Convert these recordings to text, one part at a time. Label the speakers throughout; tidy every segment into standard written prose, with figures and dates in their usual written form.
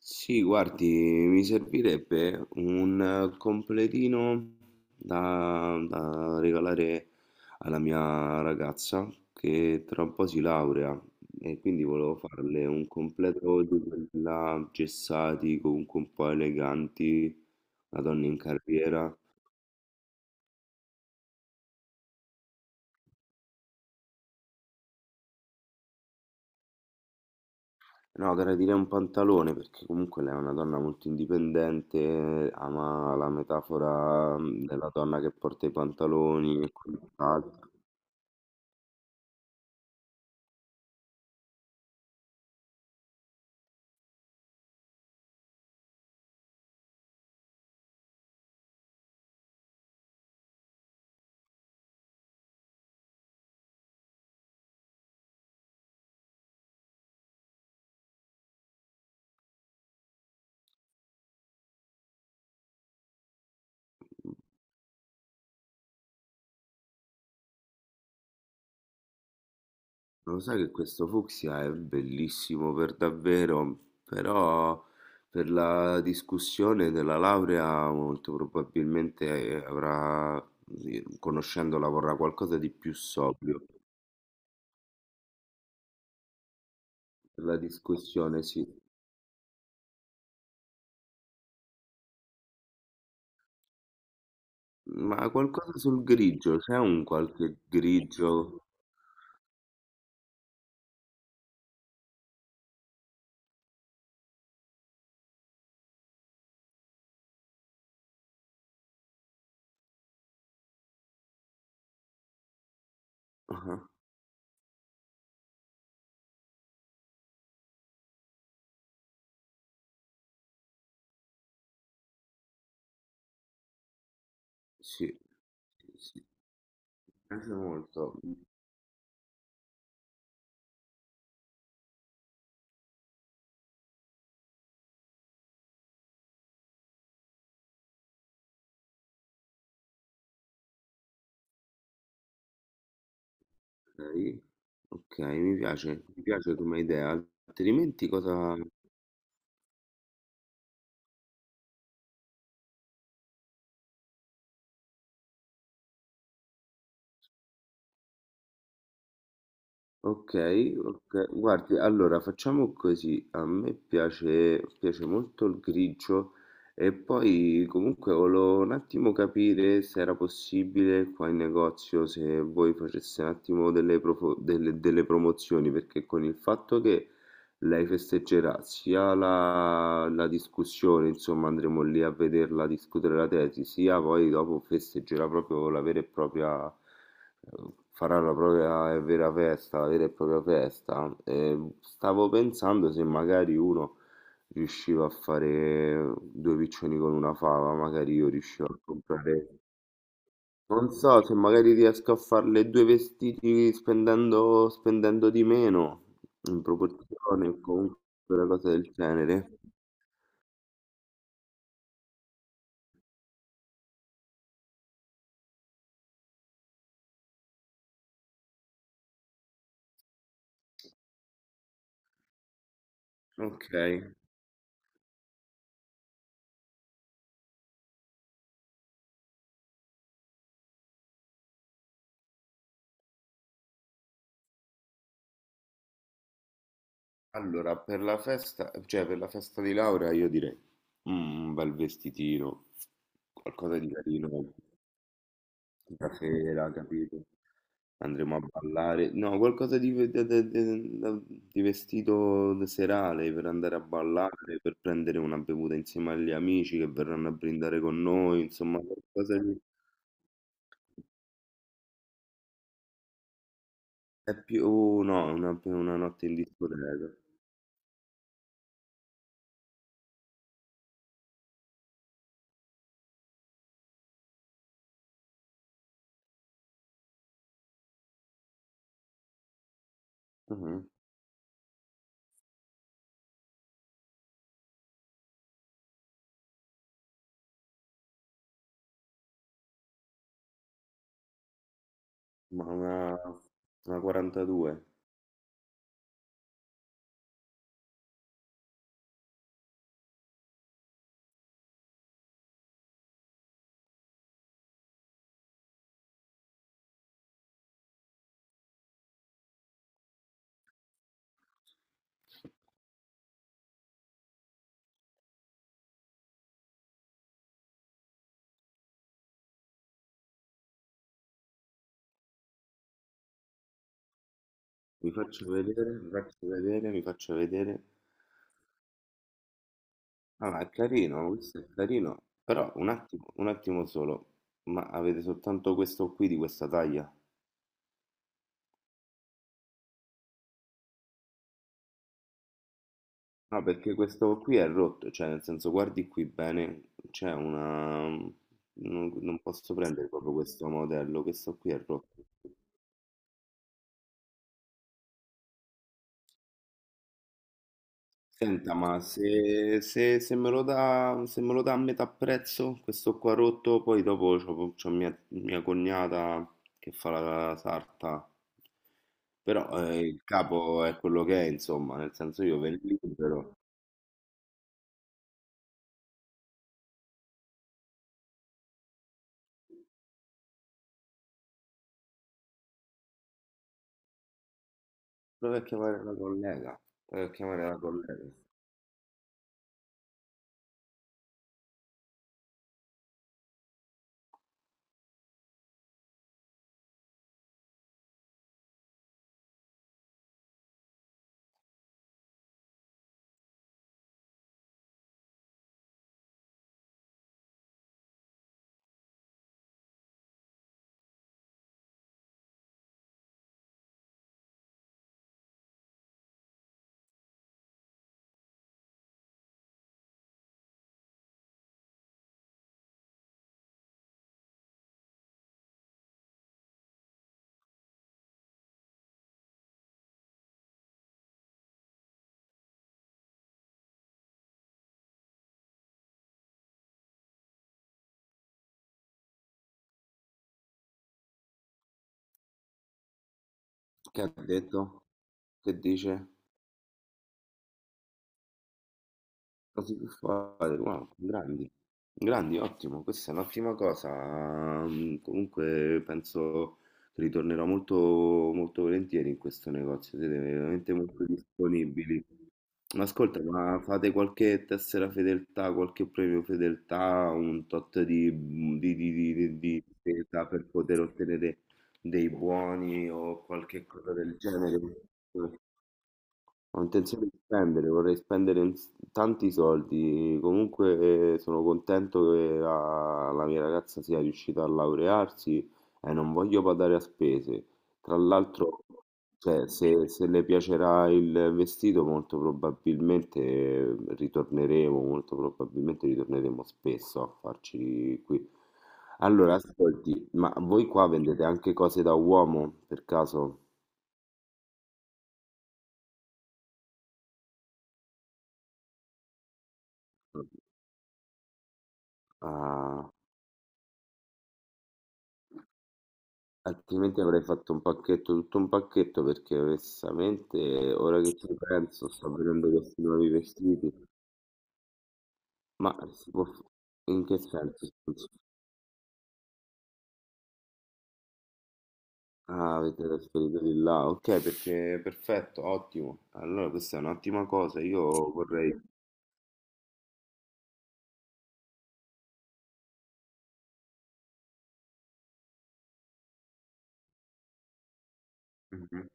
Speaker 1: Sì, guardi, mi servirebbe un completino da regalare alla mia ragazza che tra un po' si laurea e quindi volevo farle un completo di quella gessati, comunque un po' eleganti, una donna in carriera. No, gradirei un pantalone perché comunque lei è una donna molto indipendente, ama la metafora della donna che porta i pantaloni e quant'altro. Lo sai che questo fucsia è bellissimo per davvero, però per la discussione della laurea molto probabilmente eh, avrà, sì, conoscendola, vorrà qualcosa di più sobrio. Per la discussione, sì. Ma qualcosa sul grigio, c'è un qualche grigio? Ah, sì, sì, mi piace molto. Ok, ok, mi piace come idea. Altrimenti cosa... Ok, ok. Guardi, allora facciamo così. A me piace, piace molto il grigio e poi comunque volevo un attimo capire se era possibile qua in negozio se voi faceste un attimo delle promozioni, perché con il fatto che lei festeggerà sia la discussione, insomma, andremo lì a vederla discutere la tesi, sia poi dopo festeggerà proprio la vera e propria, farà la propria e vera festa, la vera e propria festa. E stavo pensando se magari uno riusciva a fare due piccioni con una fava, magari io riuscivo a comprare. Non so se magari riesco a farle due vestiti spendendo di meno in proporzione o comunque una cosa del genere. Ok, allora per la festa, cioè per la festa di laurea io direi un bel vestitino, qualcosa di carino. Stasera, capito? Andremo a ballare. No, qualcosa di, di vestito serale per andare a ballare, per prendere una bevuta insieme agli amici che verranno a brindare con noi, insomma, qualcosa di... È più, oh, no, una notte in discoteca. Mhm. Ma una 42. Mi faccio vedere, mi faccio vedere, mi faccio vedere. No, ma è carino, questo è carino. Però un attimo solo. Ma avete soltanto questo qui di questa taglia? No, perché questo qui è rotto, cioè nel senso guardi qui bene, c'è una... Non posso prendere proprio questo modello, questo qui è rotto. Senta, ma se me lo dà, se me lo dà a metà prezzo, questo qua rotto, poi dopo c'ho mia cognata che fa la sarta, però il capo è quello che è, insomma, nel senso io ve ne libero. Provo a chiamare la collega, provo a chiamare la collega. Che ha detto? Che dice? Cosa si può fare? Wow, grandi, grandi, ottimo. Questa è un'ottima cosa. Comunque penso che ritornerò molto, molto volentieri in questo negozio. Siete veramente molto disponibili. Ma ascolta, ma fate qualche tessera fedeltà, qualche premio fedeltà, un tot di spesa per poter ottenere dei buoni o qualche cosa del genere? Ho intenzione di spendere, vorrei spendere in s- tanti soldi. Comunque sono contento che la mia ragazza sia riuscita a laurearsi e non voglio badare a spese. Tra l'altro, cioè, se le piacerà il vestito, molto probabilmente ritorneremo, molto probabilmente ritorneremo spesso a farci qui. Allora, ascolti, ma voi qua vendete anche cose da uomo, per caso? Ah, altrimenti avrei fatto un pacchetto, tutto un pacchetto, perché onestamente, ora che ci penso, sto vedendo questi nuovi vestiti, ma si può... f- in che senso? Ah, avete trasferito di là, ok, perché perfetto, ottimo. Allora questa è un'ottima cosa, io vorrei... Mhm,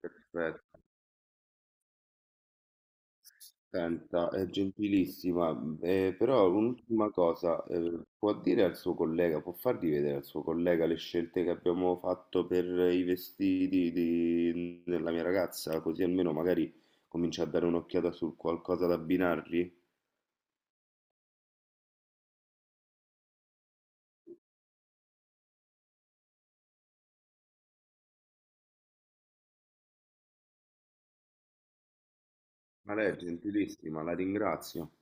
Speaker 1: perfetto. Senta, è gentilissima, però un'ultima cosa, può dire al suo collega, può fargli vedere al suo collega le scelte che abbiamo fatto per i vestiti di- della mia ragazza, così almeno magari comincia a dare un'occhiata su qualcosa da abbinargli? Ma lei è gentilissima, la ringrazio.